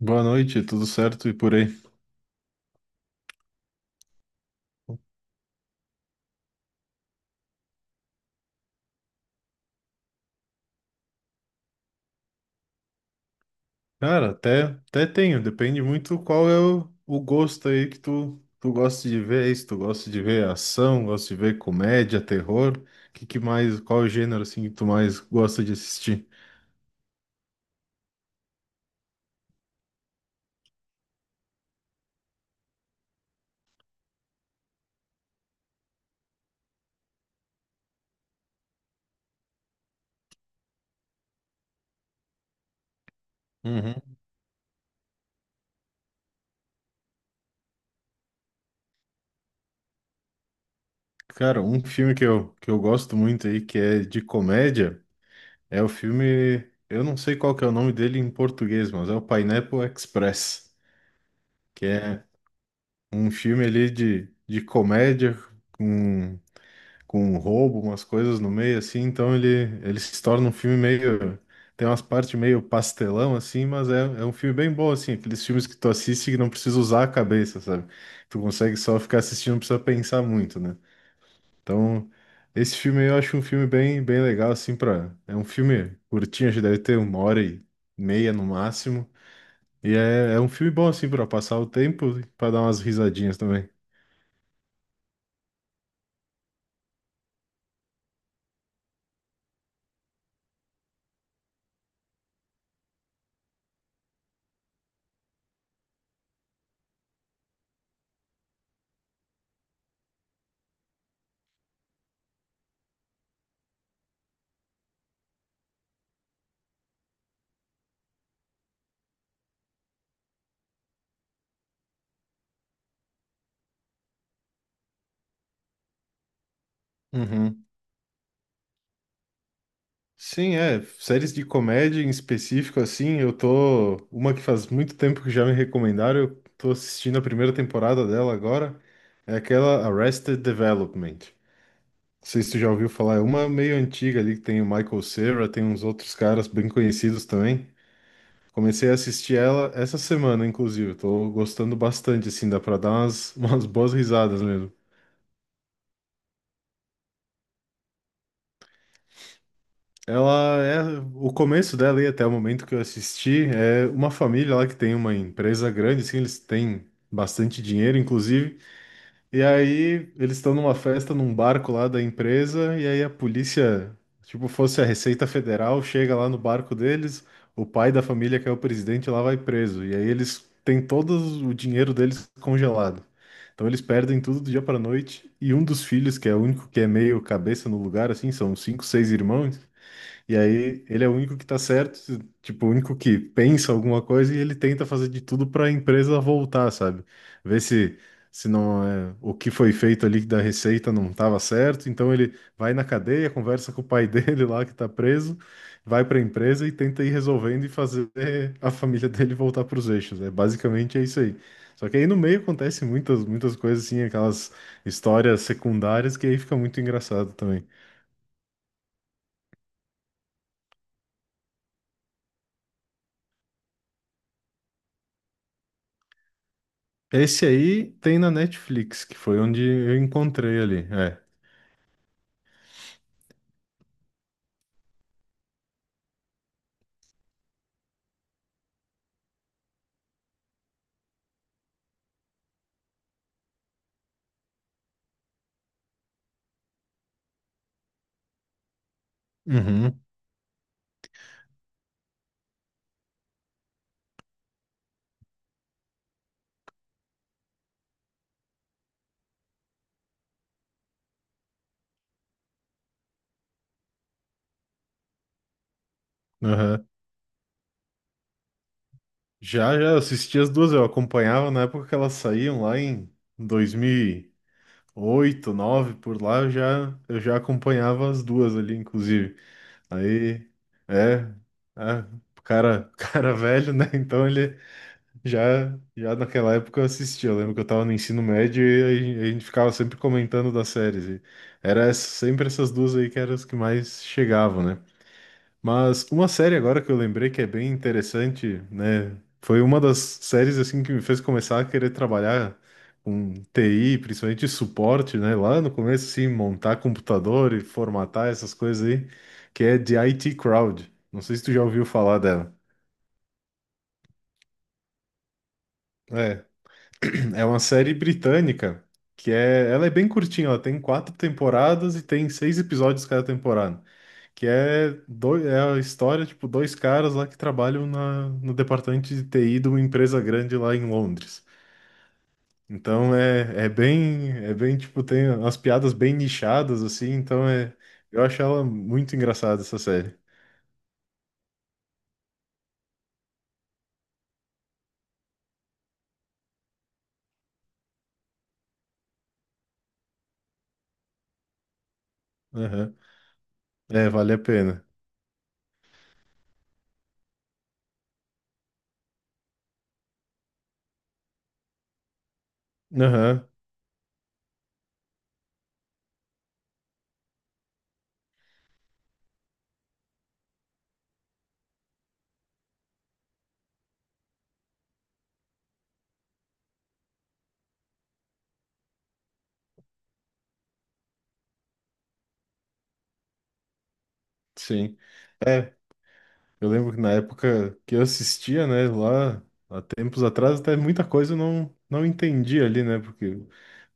Boa noite, tudo certo e por aí? Cara, até tenho, depende muito qual é o gosto aí que tu gosta de ver, é isso, tu gosta de ver ação, gosta de ver comédia, terror, que mais, qual o gênero assim que tu mais gosta de assistir? Uhum. Cara, um filme que eu gosto muito aí, que é de comédia, é o filme, eu não sei qual que é o nome dele em português, mas é o Pineapple Express, que é um filme ali de comédia, com com um roubo, umas coisas no meio, assim, então ele se torna um filme meio. Tem umas partes meio pastelão, assim, mas é um filme bem bom, assim, aqueles filmes que tu assiste que não precisa usar a cabeça, sabe? Tu consegue só ficar assistindo, não precisa pensar muito, né? Então, esse filme aí eu acho um filme bem, bem legal, assim, pra. É um filme curtinho, acho que deve ter uma hora e meia no máximo. E é um filme bom, assim, pra passar o tempo e pra dar umas risadinhas também. Uhum. Sim, é. Séries de comédia em específico, assim, eu tô. Uma que faz muito tempo que já me recomendaram, eu tô assistindo a primeira temporada dela agora. É aquela Arrested Development. Não sei se tu já ouviu falar, é uma meio antiga ali que tem o Michael Cera, tem uns outros caras bem conhecidos também. Comecei a assistir ela essa semana, inclusive. Tô gostando bastante, assim, dá pra dar umas, umas boas risadas mesmo. Ela é o começo dela e até o momento que eu assisti é uma família lá que tem uma empresa grande, assim, eles têm bastante dinheiro, inclusive. E aí eles estão numa festa num barco lá da empresa e aí a polícia, tipo, fosse a Receita Federal, chega lá no barco deles, o pai da família que é o presidente lá vai preso. E aí eles têm todo o dinheiro deles congelado. Então eles perdem tudo do dia para noite e um dos filhos, que é o único que é meio cabeça no lugar, assim, são cinco, seis irmãos. E aí ele é o único que tá certo, tipo, o único que pensa alguma coisa e ele tenta fazer de tudo para a empresa voltar, sabe? Ver se não é, o que foi feito ali da receita não estava certo, então ele vai na cadeia, conversa com o pai dele lá que tá preso, vai para a empresa e tenta ir resolvendo e fazer a família dele voltar para os eixos. É basicamente é isso aí. Só que aí no meio acontece muitas muitas coisas assim, aquelas histórias secundárias que aí fica muito engraçado também. Esse aí tem na Netflix, que foi onde eu encontrei ali. É. Uhum. Aham. Já, já, eu assisti as duas, eu acompanhava na época que elas saíam lá em 2008, nove por lá, eu já acompanhava as duas ali, inclusive. Aí, é, é, o cara, o cara velho, né? Então ele, já, já naquela época eu assistia. Eu lembro que eu tava no ensino médio e a gente ficava sempre comentando das séries. E sempre essas duas aí que eram as que mais chegavam, né? Mas uma série agora que eu lembrei que é bem interessante, né? Foi uma das séries assim que me fez começar a querer trabalhar com TI, principalmente suporte, né? Lá no começo, assim, montar computador e formatar essas coisas aí, que é de IT Crowd. Não sei se tu já ouviu falar dela. É. É uma série britânica que é, ela é bem curtinha, ela tem quatro temporadas e tem seis episódios cada temporada, que é, dois, é a história, tipo, dois caras lá que trabalham na, no departamento de TI de uma empresa grande lá em Londres. Então é, é bem, tipo, tem umas piadas bem nichadas, assim, então é, eu acho ela muito engraçada, essa série. Aham. É, vale a pena. Aham, sim. É, eu lembro que na época que eu assistia, né, lá há tempos atrás, até muita coisa eu não, não entendi ali, né, porque eu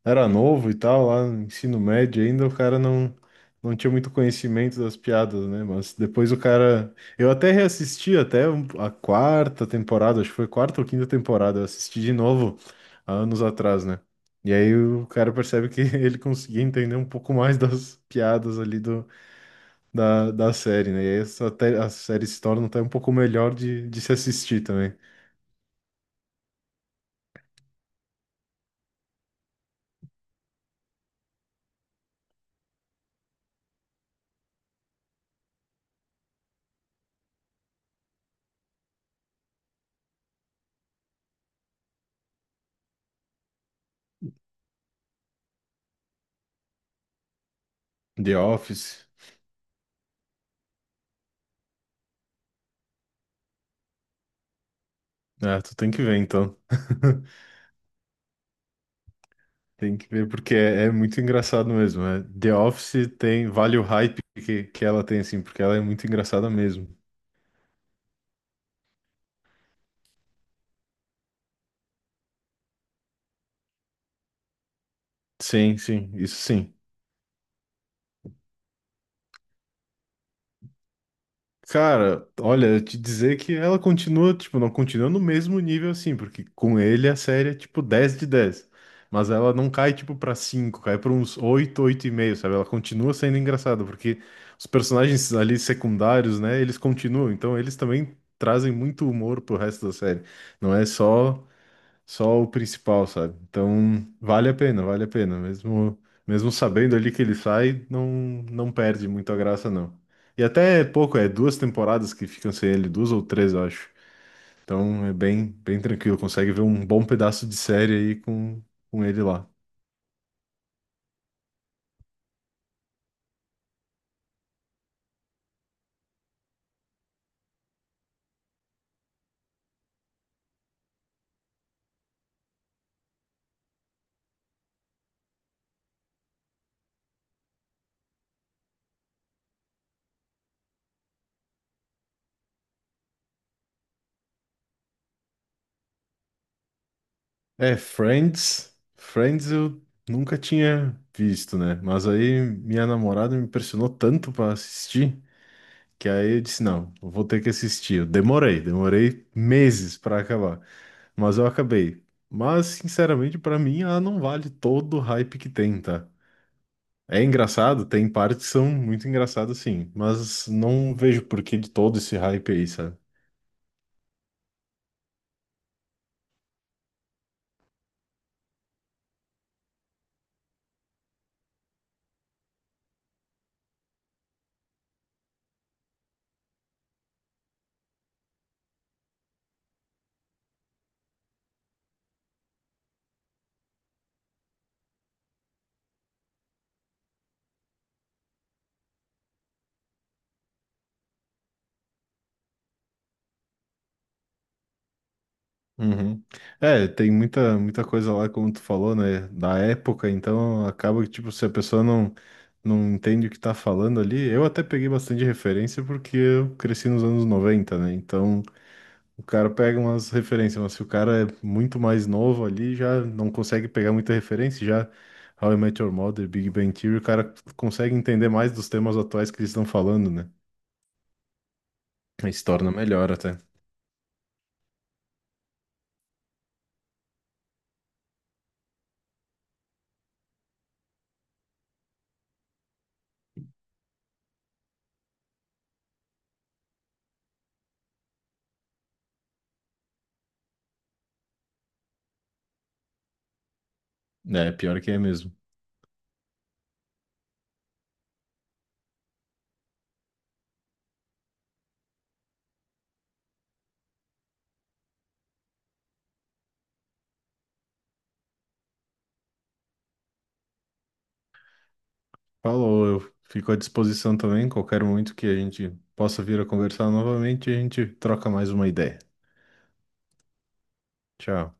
era novo e tal, lá no ensino médio ainda, o cara não, não tinha muito conhecimento das piadas, né, mas depois o cara. Eu até reassisti até a quarta temporada, acho que foi quarta ou quinta temporada, eu assisti de novo há anos atrás, né, e aí o cara percebe que ele conseguia entender um pouco mais das piadas ali da série, né? E aí a série se torna até um pouco melhor de se assistir também. The Office. Ah, tu tem que ver então. Tem que ver, porque é, é muito engraçado mesmo. Né? The Office tem, vale o hype que ela tem, assim, porque ela é muito engraçada mesmo. Sim, sim, isso sim. Cara, olha, eu te dizer que ela continua, tipo, não continua no mesmo nível assim, porque com ele a série é tipo 10 de 10. Mas ela não cai tipo pra cinco, cai pra uns oito, oito e meio, sabe? Ela continua sendo engraçada, porque os personagens ali secundários, né, eles continuam, então eles também trazem muito humor pro resto da série. Não é só o principal, sabe? Então, vale a pena, vale a pena. Mesmo, mesmo sabendo ali que ele sai, não, não perde muito a graça, não. E até é pouco, é duas temporadas que ficam sem ele, duas ou três, eu acho. Então é bem, bem tranquilo, consegue ver um bom pedaço de série aí com ele lá. É, Friends. Friends eu nunca tinha visto, né? Mas aí minha namorada me pressionou tanto pra assistir que aí eu disse: não, eu vou ter que assistir. Eu demorei, demorei meses pra acabar. Mas eu acabei. Mas, sinceramente, pra mim, ela não vale todo o hype que tem, tá? É engraçado, tem partes que são muito engraçadas, sim. Mas não vejo porquê de todo esse hype aí, sabe? Uhum. É, tem muita, muita coisa lá, como tu falou, né? Da época, então acaba que, tipo, se a pessoa não, não entende o que tá falando ali. Eu até peguei bastante referência porque eu cresci nos anos 90, né? Então. O cara pega umas referências, mas se o cara é muito mais novo ali, já não consegue pegar muita referência, já How I Met Your Mother, Big Bang Theory, o cara consegue entender mais dos temas atuais que eles estão falando, né? Aí se torna melhor até. É, pior que é mesmo. Falou, eu fico à disposição também, qualquer momento que a gente possa vir a conversar novamente, a gente troca mais uma ideia. Tchau.